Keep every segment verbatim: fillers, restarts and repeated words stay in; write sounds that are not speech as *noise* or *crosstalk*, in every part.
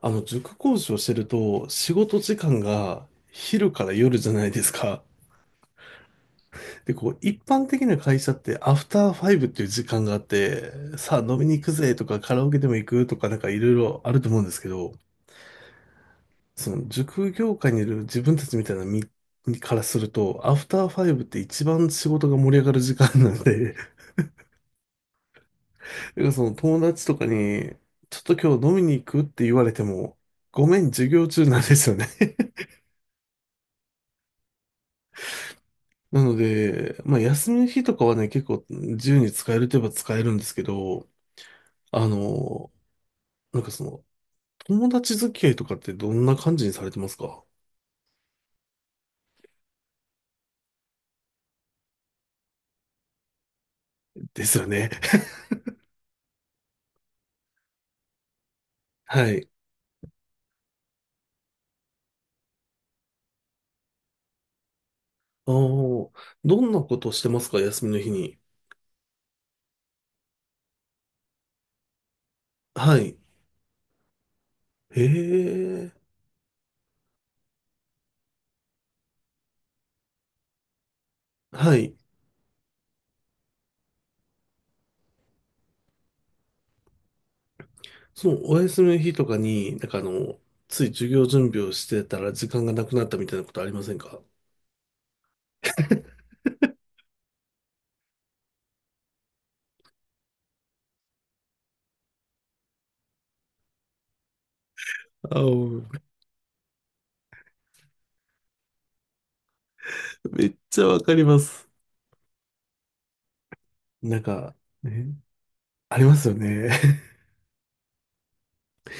あの、塾講師をしてると、仕事時間が昼から夜じゃないですか。で、こう、一般的な会社って、アフターファイブっていう時間があって、さあ飲みに行くぜとか、カラオケでも行くとか、なんかいろいろあると思うんですけど、その、塾業界にいる自分たちみたいな身からすると、アフターファイブって一番仕事が盛り上がる時間なんで、*laughs* だからその、友達とかに、ちょっと今日飲みに行くって言われても、ごめん、授業中なんですよね。なので、まあ、休みの日とかはね、結構自由に使えるといえば使えるんですけど、あの、なんかその、友達付き合いとかってどんな感じにされてますか？ですよね。*laughs* はい。ああ、どんなことしてますか、休みの日に。はい。へえ。はい。その、お休みの日とかに、なんかあの、つい授業準備をしてたら時間がなくなったみたいなことありませんか？ああ、めっちゃわかります。なんか、ねありますよね。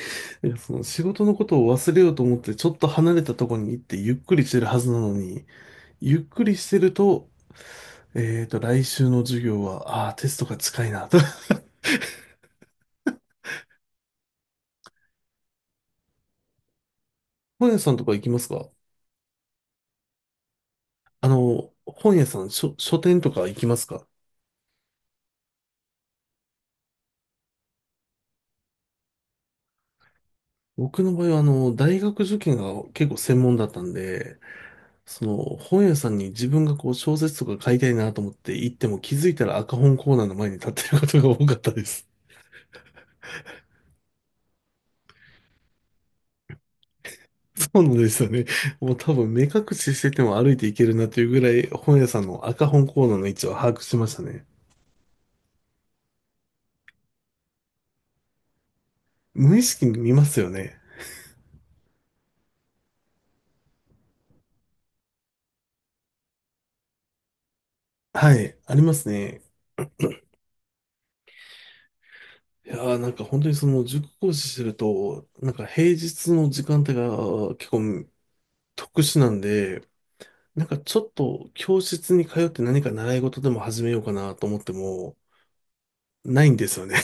*laughs* いやその仕事のことを忘れようと思って、ちょっと離れたところに行ってゆっくりしてるはずなのに、ゆっくりしてると、えーと、来週の授業は、ああ、テストが近いなと。*laughs* 本屋さんとか行きますか？あの、本屋さん、書、書店とか行きますか？僕の場合は、あの、大学受験が結構専門だったんで、その、本屋さんに自分がこう、小説とか買いたいなと思って行っても気づいたら赤本コーナーの前に立ってることが多かったです。そうなんですよね。もう多分目隠ししてても歩いていけるなというぐらい本屋さんの赤本コーナーの位置を把握しましたね。無意識に見ますよね。はい、ありますね。いやーなんか本当にその塾講師してると、なんか平日の時間帯が結構特殊なんで、なんかちょっと教室に通って何か習い事でも始めようかなと思っても、ないんですよね。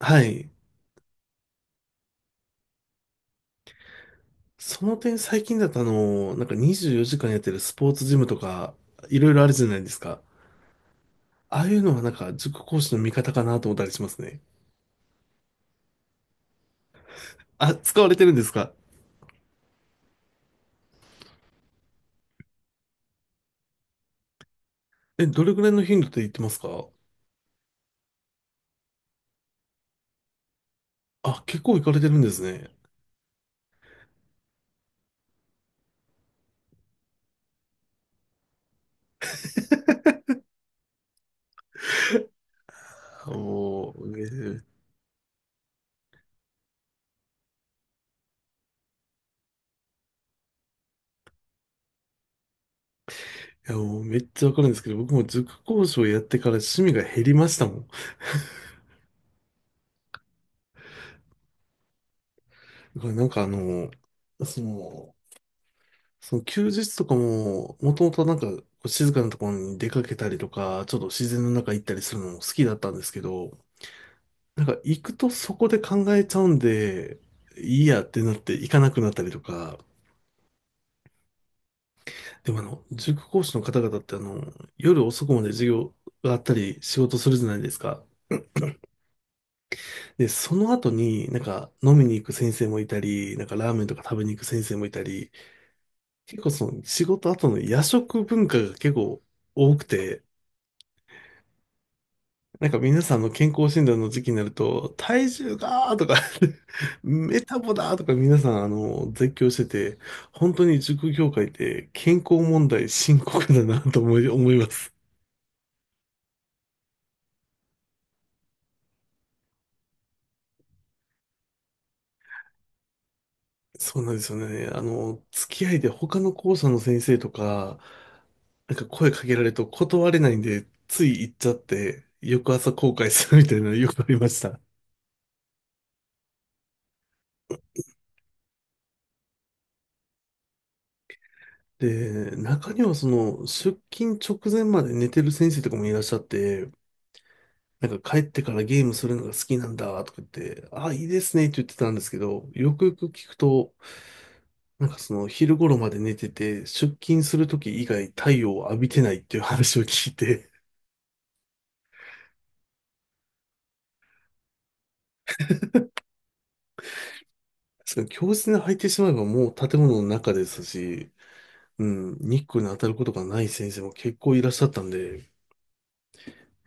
*laughs* はい。その点最近だとあの、なんかにじゅうよじかんやってるスポーツジムとか、いろいろあるじゃないですか。ああいうのはなんか塾講師の味方かなと思ったりしますね。あ、使われてるんですか？え、どれぐらいの頻度で言ってますか？あ、結構行かれてるんですね。もう、め、いやもうめっちゃわかるんですけど、僕も塾講師をやってから趣味が減りましたもん。だからなんかあの、その、その休日とかも、もともとなんかこう静かなところに出かけたりとか、ちょっと自然の中行ったりするのも好きだったんですけど、なんか行くとそこで考えちゃうんで、いいやってなって行かなくなったりとか、でもあの、塾講師の方々ってあの、夜遅くまで授業があったり仕事するじゃないですか。で、その後になんか飲みに行く先生もいたり、なんかラーメンとか食べに行く先生もいたり、結構その仕事後の夜食文化が結構多くて、なんか皆さんの健康診断の時期になると、体重がーとか *laughs* メタボだーとか皆さんあの、絶叫してて、本当に塾業界って健康問題深刻だなと思い、思います。そうなんですよね。あの、付き合いで他の校舎の先生とか、なんか声かけられると断れないんで、つい行っちゃって、翌朝後悔するみたいなの *laughs* よくありました。で、中にはその、出勤直前まで寝てる先生とかもいらっしゃって、なんか帰ってからゲームするのが好きなんだとか言って、ああ、いいですねって言ってたんですけど、よくよく聞くと、なんかその昼頃まで寝てて、出勤する時以外太陽を浴びてないっていう話を聞いて、そう強靭に入ってしまえばもう建物の中ですし、うん、日光に当たることがない先生も結構いらっしゃったんで、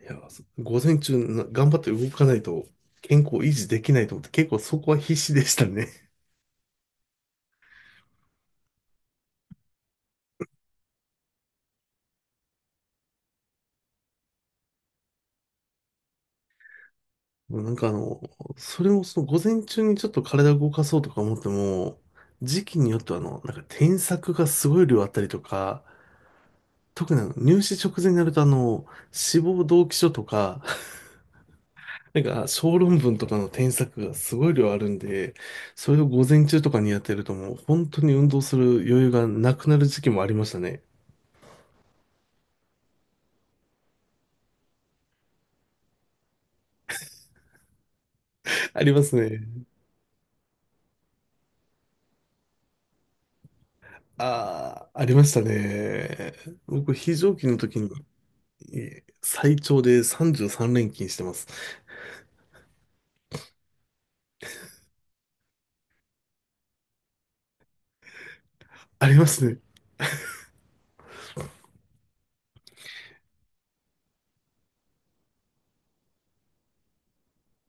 いや、午前中な頑張って動かないと健康維持できないと思って結構そこは必死でしたね。*laughs* もうなんかあの、それもその午前中にちょっと体を動かそうとか思っても、時期によってはあの、なんか添削がすごい量あったりとか、特にあの入試直前になるとあの、志望動機書とか、なんか、小論文とかの添削がすごい量あるんで、それを午前中とかにやってるともう本当に運動する余裕がなくなる時期もありましたね。*laughs* ありますね。ああ、ありましたね。僕、非常勤の時にえー最長でさんじゅうさん連勤してます。ありますね。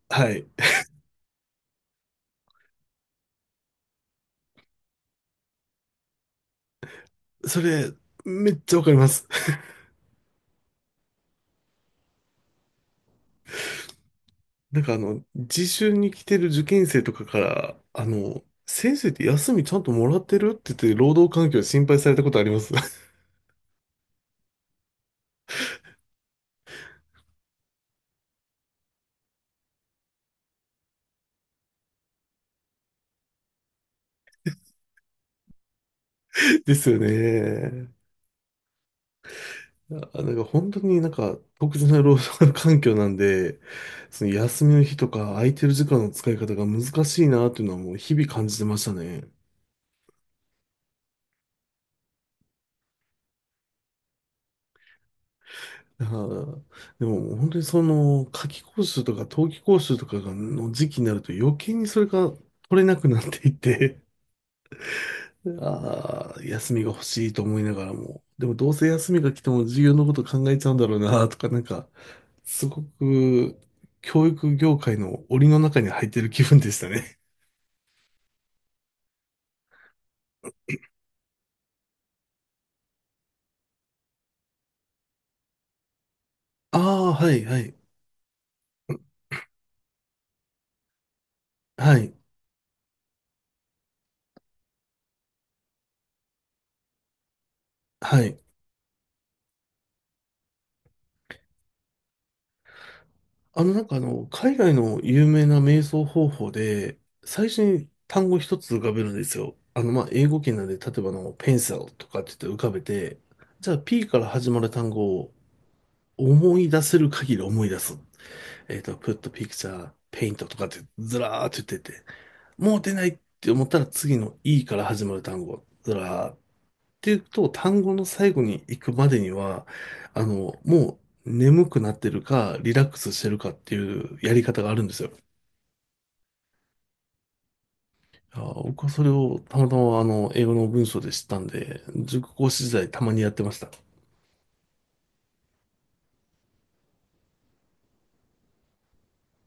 はい。それ、めっちゃわかります。なんかあの、自習に来てる受験生とかから、あの、先生って休みちゃんともらってるって言って、労働環境心配されたことあります。ですよね。あ、なんか本当になんか特殊な労働環境なんで、その休みの日とか空いてる時間の使い方が難しいなっていうのはもう日々感じてましたね。はあでももう本当にその夏季講習とか冬季講習とかがの時期になると余計にそれが取れなくなっていてああ、休みが欲しいと思いながらも、でもどうせ休みが来ても授業のこと考えちゃうんだろうなとか、なんか、すごく教育業界の檻の中に入ってる気分でしたね。ああ、はい、はい、はい、はい。あの、なんかあの、海外の有名な瞑想方法で、最初に単語一つ浮かべるんですよ。あの、まあ、英語圏なんで、例えばあの、ペンサルとかって言って浮かべて、じゃあ P から始まる単語を思い出せる限り思い出す。えっと、put picture, paint とかってずらーって言ってて、もう出ないって思ったら次の E から始まる単語、ずらーっていうと、単語の最後に行くまでには、あの、もう眠くなってるか、リラックスしてるかっていうやり方があるんですよ。いやー僕はそれをたまたまあの、英語の文章で知ったんで、塾講師時代たまにやってました。